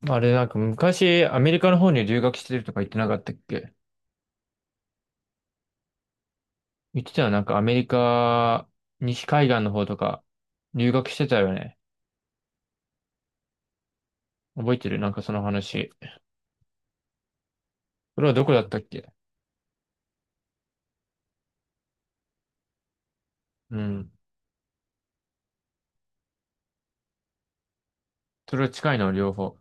まあれ、なんか昔、アメリカの方に留学してるとか言ってなかったっけ？言ってたよね。なんかアメリカ、西海岸の方とか、留学してたよね。覚えてる、なんかその話。それはどこだったっけ？うん。それは近いの、両方？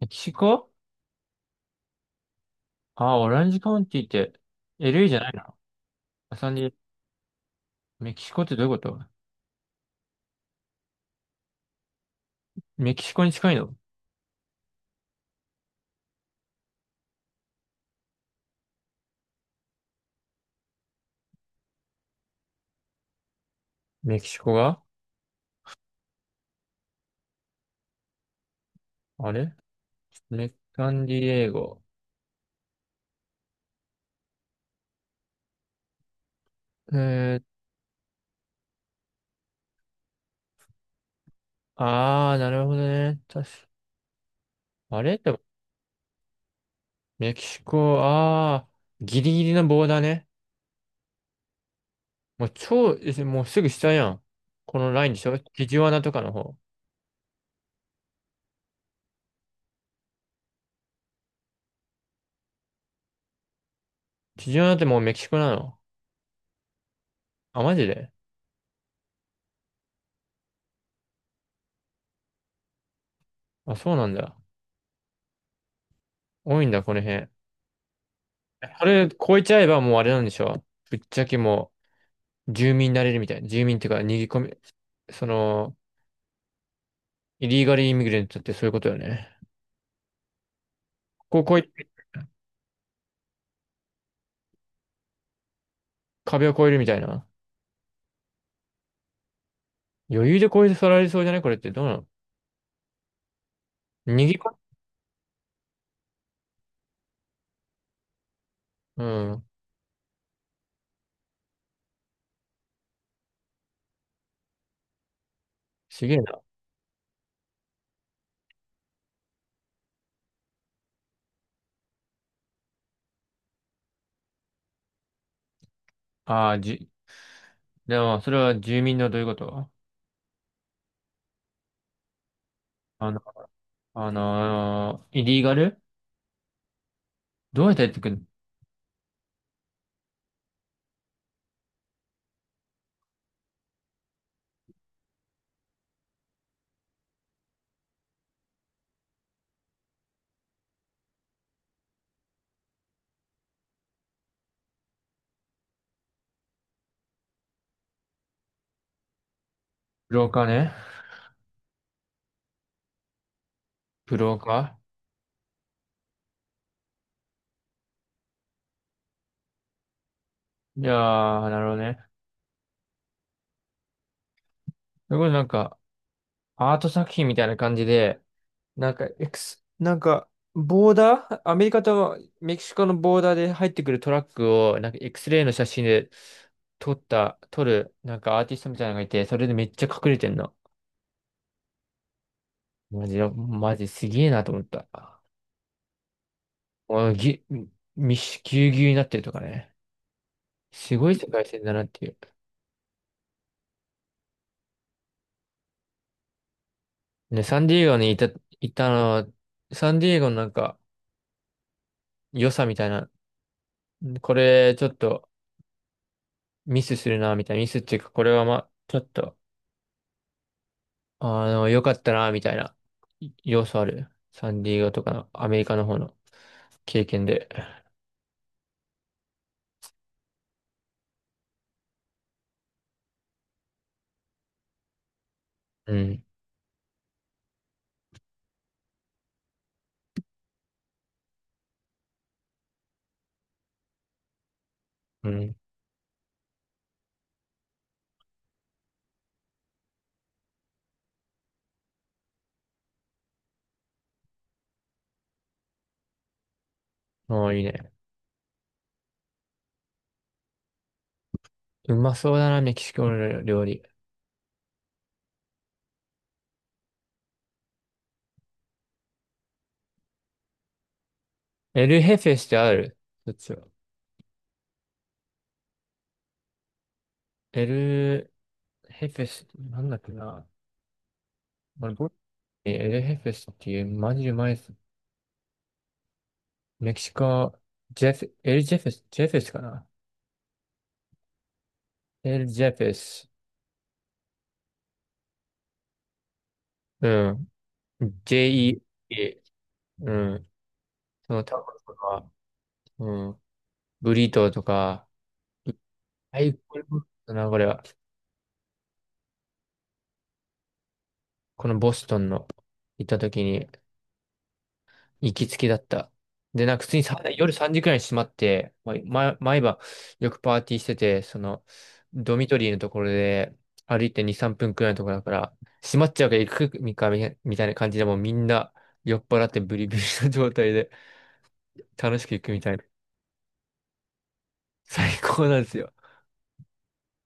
メキシコ。あ、オランジカウンティって、LA じゃないの？アサンディエゴ、メキシコってどういうこと？メキシコに近いの？メキシコが。あれ、メサンディエゴ。えー、あー、なるほどね。確か、あれで。メキシコ、ああ、ギリギリのボーダーね。もう超、もうすぐ下やん。このラインでしょ？ティジワナとかの方。ティジワナってもうメキシコなの？あ、マジで？あ、そうなんだ。多いんだ、この辺。あれ、越えちゃえばもうあれなんでしょ？ぶっちゃけもう、住民になれるみたいな。住民っていうか、逃げ込み、その、イリーガルイミグレントってそういうことよね。ここ越え、壁を越えるみたいな。余裕で越えて去られそうじゃない？これってどうなの？逃げ込み。うん。すげえな。ああ、でも、それは住民のどういうこと？あの、イリーガル、どうやってやってくるの？ブローカーね。ブローカー。いやー、なるほどね。それこそなんか、アート作品みたいな感じで、なんか、エクス、なんか、ボーダー、アメリカとメキシコのボーダーで入ってくるトラックを、なんか、X-ray の写真で撮った、撮る、なんかアーティストみたいなのがいて、それでめっちゃ隠れてんの。マジで、マジすげえなと思った。あのぎ、み、みし、ぎゅうぎゅうになってるとかね。すごい世界線だなっていう。ね、サンディエゴにいたのは、サンディエゴのなんか良さみたいな、これちょっとミスするな、みたいな、ミスっていうか、これはまあ、ちょっと、あの、良かったな、みたいな要素ある。サンディエゴとかのアメリカの方の経験で。うん、うん。もういいね。うまそうだな、メキシコの料理。エルヘフェスってある？そっちは。エルヘフェス、なんだっけな。俺、エルヘフェスっていう、マジうまいメキシコ、ジェフ、エルジェフェス、ジェフェスかな、エルジェフェス。うん。JEA。うん。そのタコとか、うん、ブリトーとか、いいこれだな、これは。このボストンの行った時に、行きつけだった。で、なんか普通にさ、夜3時くらいに閉まって、毎晩よくパーティーしてて、その、ドミトリーのところで歩いて2、3分くらいのところだから、閉まっちゃうから行くみかみみたいな感じで、もうみんな酔っ払ってブリブリの状態で楽しく行くみたいな。最高なんですよ。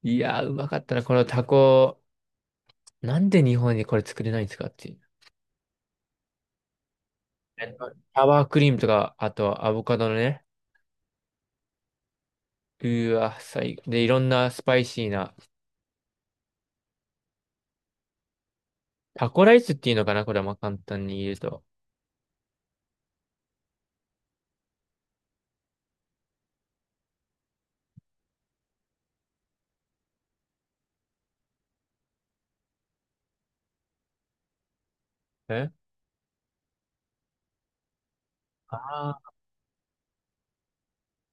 いやー、うまかったな、このタコ。なんで日本にこれ作れないんですかっていう。サワークリームとか、あとアボカドのね、うーわ、で、いろんなスパイシーなタコライスっていうのかな、これはまあ簡単に言うと。えあ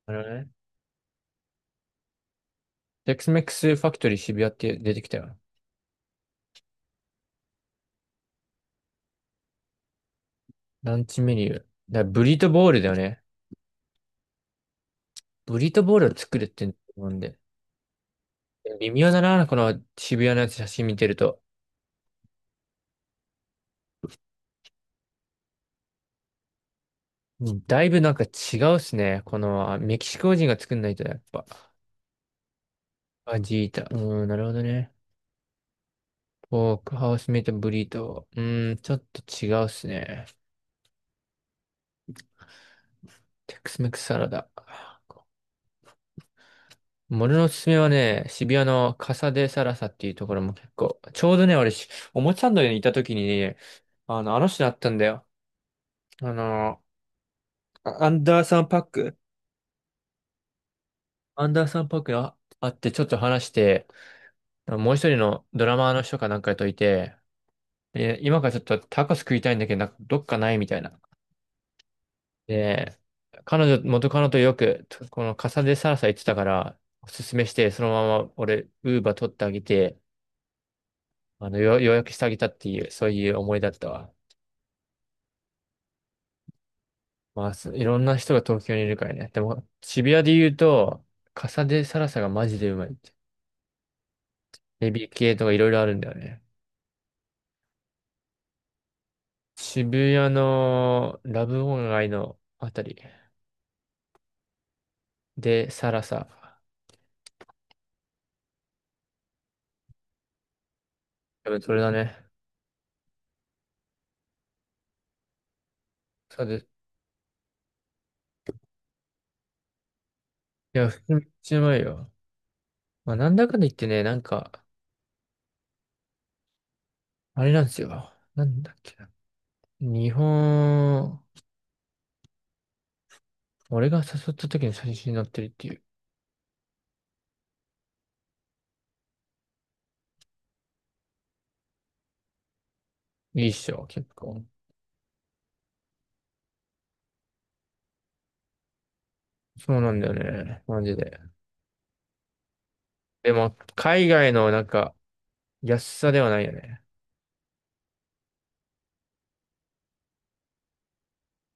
ー、なるほどね。テックスメックスファクトリー渋谷って出てきたよ。ランチメニュー。だからブリトボールだよね。ブリトボールを作るって思うんで。微妙だな、この渋谷のやつ写真見てると。だいぶなんか違うっすね。このメキシコ人が作んないとやっぱ。アジータ。うーん、なるほどね。ポークハウスメイトブリート。うーん、ちょっと違うっすね。テックスメックスサラダ。俺のおすすめはね、渋谷のカサデサラサっていうところも結構、ちょうどね、おもちゃンドにいた時にね、あの人に会ったんだよ。あの、アンダーサンパックアンダーサンパックに会ってちょっと話して、もう一人のドラマーの人かなんかといて、で今からちょっとタコス食いたいんだけど、なんかどっかないみたいな。で、彼女、元カノとよく、このカサデサラサ行ってたから、おすすめして、そのまま俺、ウーバー取ってあげて、よしてあげたっていう、そういう思いだったわ。まあ、いろんな人が東京にいるからね。でも、渋谷で言うと、笠でサラサがマジでうまいって。エビ系とかいろいろあるんだよね。渋谷のラブオン街のあたりでサラサ。多分それだね。そうです。いや、普通にめっちゃうまいよ。まあ、なんだかんだ言ってね、なんか、あれなんですよ。なんだっけな。日本、俺が誘った時に最初になってるっていう。いいっしょ、結構。そうなんだよね。マジで。でも、海外のなんか、安さではないよね。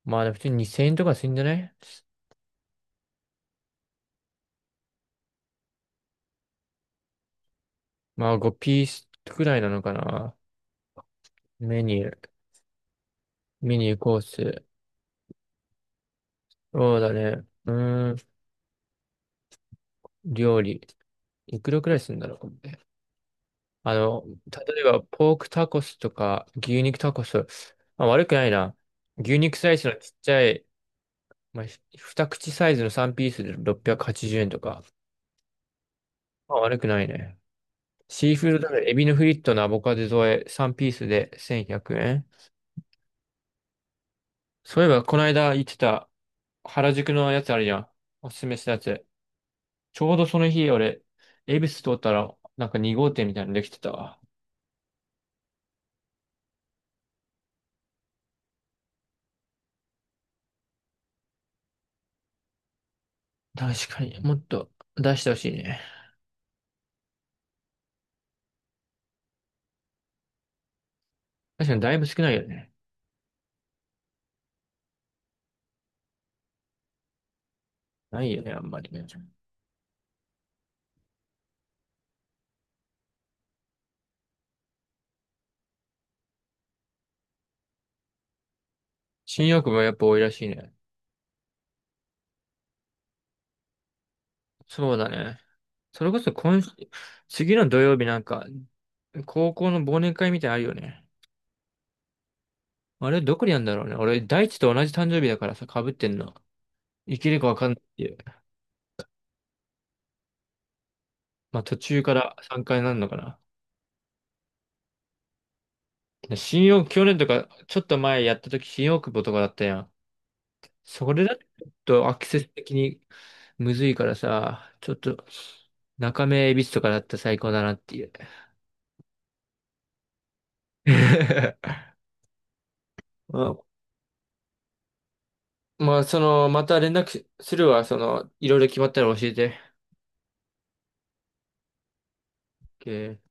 まあ、普通に2000円とかするんじゃない？まあ、5ピースくらいなのかな。メニュー、メニューコース。そうだね。うーん、料理。いくらくらいするんだろう、これね。あの、例えば、ポークタコスとか、牛肉タコス。まあ、悪くないな。牛肉サイズのちっちゃい、まあ、二口サイズの3ピースで680円とか。まあ、悪くないね。シーフード鍋、エビのフリットのアボカド添え、3ピースで1100円。そういえば、この間言ってた原宿のやつあるじゃん。おすすめしたやつ。ちょうどその日、俺、恵比寿通ったら、なんか2号店みたいなのできてたわ。確かに、もっと出してほしいね。確かにだいぶ少ないよね。ないよね、あんまりね。新大久保やっぱ多いらしいね。そうだね。それこそ今週、次の土曜日なんか、高校の忘年会みたいなのあるよね。あれ、どこにあるんだろうね。俺、大地と同じ誕生日だからさ、被ってんの。生きるかわかんないっていう。まあ、途中から加になるのかな。で新大久保、去年とか、ちょっと前やった時、新大久保とかだったやん。それだと、ちょっとアクセス的にむずいからさ、ちょっと、中目、恵比寿とかだったら最高だなっていう。まあ、まあ、また連絡するわ。その、いろいろ決まったら教えて。OK